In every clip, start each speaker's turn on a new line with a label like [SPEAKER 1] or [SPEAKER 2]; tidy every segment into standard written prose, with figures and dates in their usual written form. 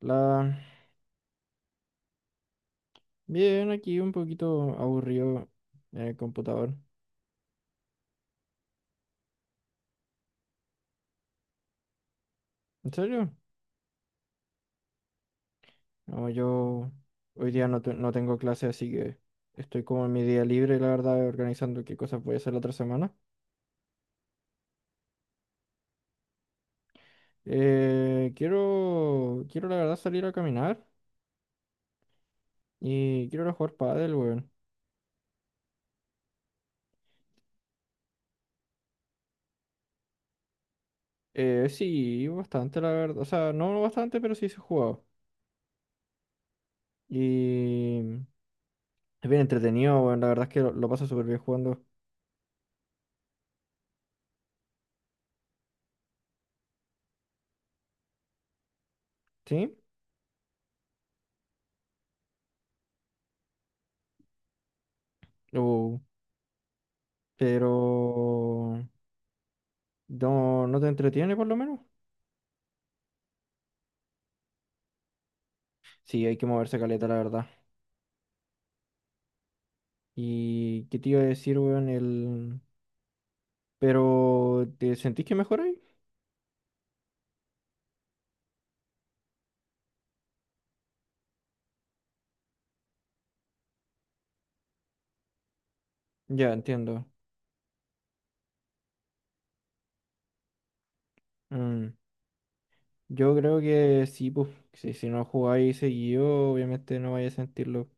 [SPEAKER 1] La... Bien, aquí un poquito aburrido en el computador. ¿En serio? No, yo hoy día no, no tengo clase, así que estoy como en mi día libre, la verdad, organizando qué cosas voy a hacer la otra semana. Quiero la verdad salir a caminar y quiero ir a jugar pádel, weón. Sí, bastante, la verdad. O sea, no bastante, pero sí se ha jugado. Y es bien entretenido, weón. La verdad es que lo paso súper bien jugando. ¿Sí? Uh, pero... No, no te entretiene por lo menos. Sí, hay que moverse caleta, la verdad. ¿Y qué te iba a decir, weón? El... Pero, ¿te sentís que mejoráis? Ya, entiendo. Mm, Yo creo que sí, pues. Si, si no jugáis seguido, obviamente no vais a sentirlo.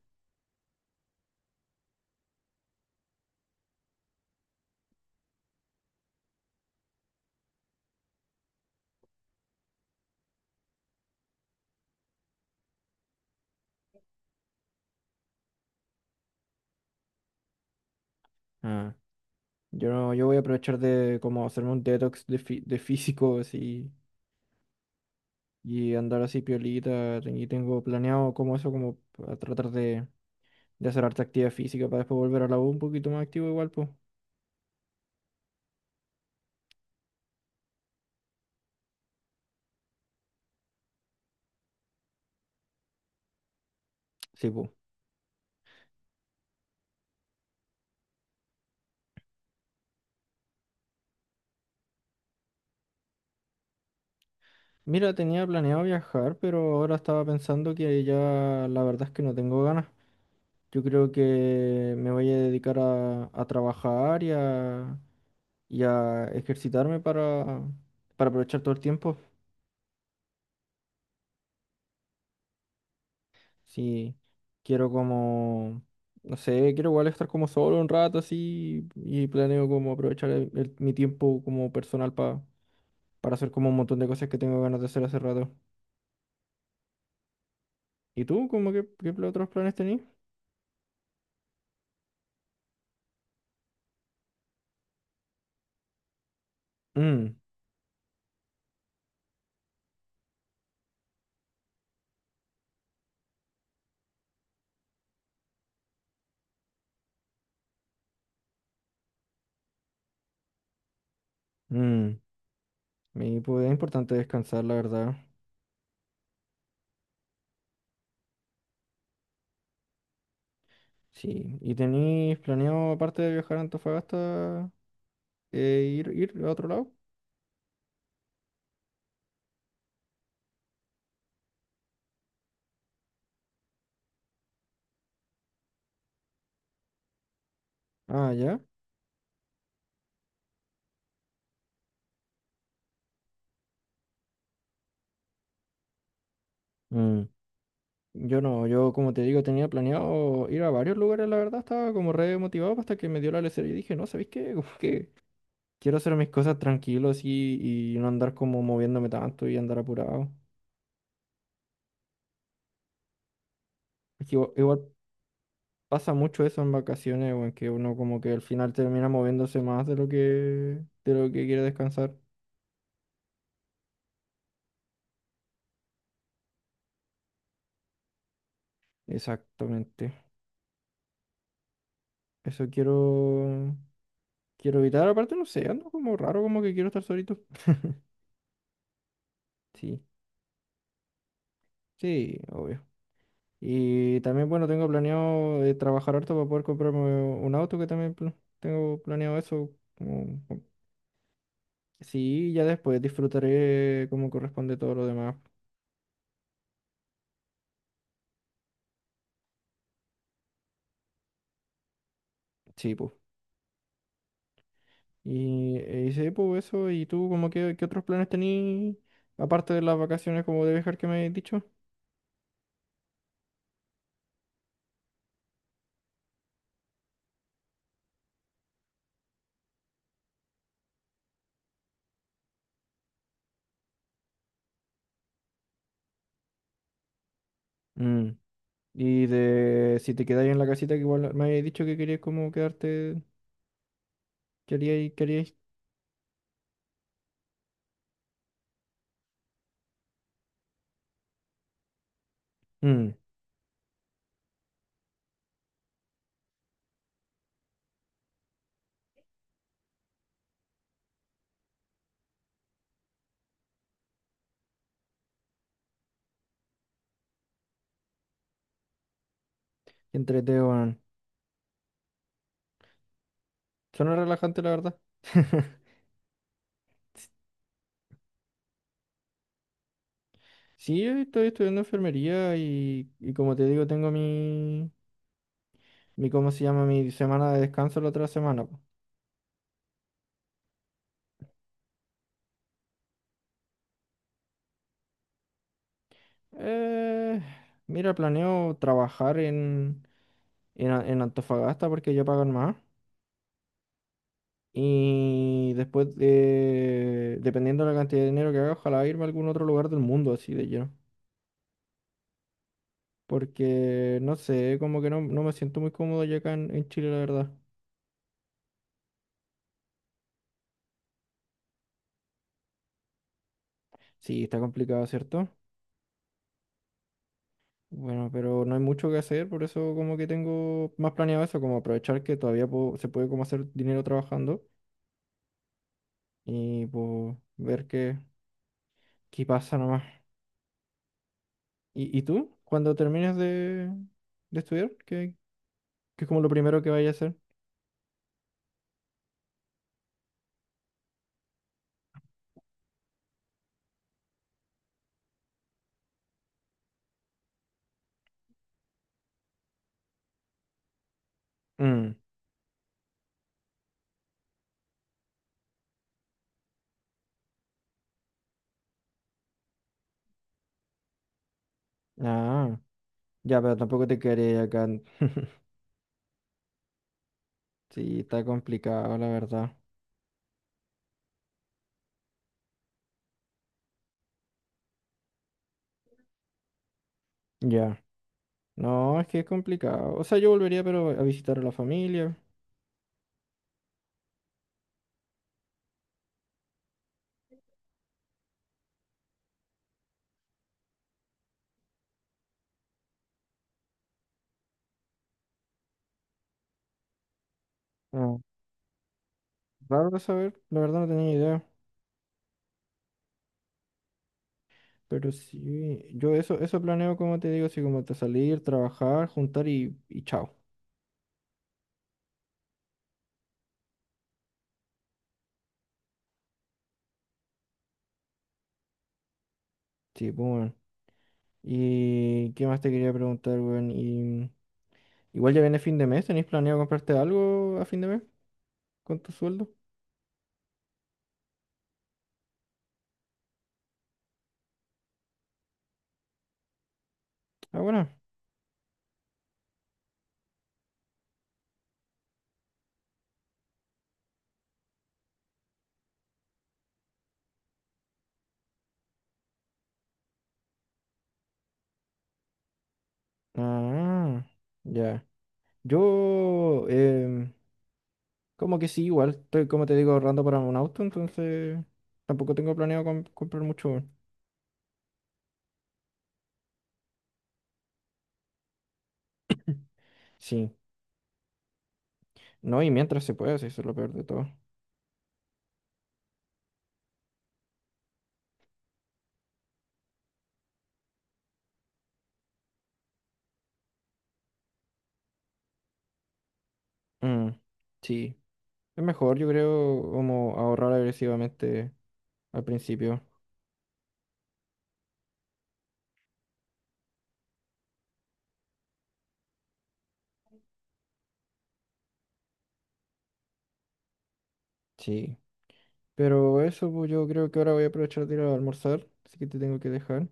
[SPEAKER 1] Ah, yo no, yo voy a aprovechar de como hacerme un detox de, de físico así y andar así piolita. Y tengo planeado como eso, como a tratar de hacer harta actividad física para después volver a la U un poquito más activo igual, pues. Sí, pues. Mira, tenía planeado viajar, pero ahora estaba pensando que ya la verdad es que no tengo ganas. Yo creo que me voy a dedicar a trabajar y a ejercitarme para aprovechar todo el tiempo. Si quiero como, no sé, quiero igual estar como solo un rato así y planeo como aprovechar mi tiempo como personal para hacer como un montón de cosas que tengo ganas de hacer hace rato. ¿Y tú? ¿Cómo que qué otros planes tenías? Mm, mm. Me pues, es importante descansar, la verdad. Sí. ¿Y tenéis planeado, aparte de viajar a Antofagasta, ir a otro lado? Ah, ya. Mm. Yo no, yo como te digo, tenía planeado ir a varios lugares, la verdad, estaba como re motivado hasta que me dio la lecera y dije, no, ¿sabéis qué? Como que quiero hacer mis cosas tranquilos y no andar como moviéndome tanto y andar apurado. Es que igual pasa mucho eso en vacaciones, o en que uno como que al final termina moviéndose más de lo que quiere descansar. Exactamente. Eso quiero evitar. Aparte, no sé, ando como raro, como que quiero estar solito. Sí, sí, obvio. Y también, bueno, tengo planeado trabajar harto para poder comprarme un auto, que también tengo planeado eso. Como- Sí, ya después disfrutaré como corresponde todo lo demás. Sí, pues. Y sí, pues eso. ¿Y tú, como que, qué otros planes tenís, aparte de las vacaciones como de viajar que me has dicho? Y de si te quedáis en la casita, que igual me habéis dicho que querías como quedarte, queríais. Mm, qué entrete, weón. Suena relajante, la verdad. Sí, yo estoy estudiando enfermería y como te digo, tengo mi, mi, ¿cómo se llama? Mi semana de descanso la otra semana. Po. Eh, Mira, planeo trabajar en, en Antofagasta porque ya pagan más. Y después, de, dependiendo de la cantidad de dinero que haga, ojalá irme a algún otro lugar del mundo así de lleno. Porque no sé, como que no, no me siento muy cómodo ya acá en Chile, la verdad. Sí, está complicado, ¿cierto? Bueno, pero no hay mucho que hacer, por eso como que tengo más planeado eso, como aprovechar que todavía puedo- se puede como hacer dinero trabajando y pues ver qué, qué pasa nomás. Y tú? Cuando termines de estudiar, ¿qué, qué es como lo primero que vayas a hacer? Mm, ah, ya, pero tampoco te quedaría acá. Sí, está complicado, la verdad. Ya. No, es que es complicado. O sea, yo volvería, pero a visitar a la familia. Ah, raro de saber, la verdad no tenía idea. Pero sí, yo eso, eso planeo, como te digo, así como te salir, trabajar, juntar y chao. Sí, pues bueno. ¿Y qué más te quería preguntar, weón? Y, igual ya viene fin de mes, ¿tenéis planeado comprarte algo a fin de mes con tu sueldo? Ah, bueno. Ah, ya. Yo, como que sí, igual, estoy, como te digo, ahorrando para un auto, entonces tampoco tengo planeado comprar mucho. Weón. Sí, no, y mientras se pueda, sí, eso es lo peor de todo. Mm, sí, es mejor, yo creo, como ahorrar agresivamente al principio. Sí, pero eso, pues yo creo que ahora voy a aprovechar de ir a almorzar, así que te tengo que dejar.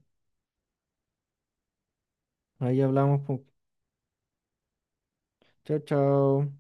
[SPEAKER 1] Ahí hablamos, pues. Chao, chao.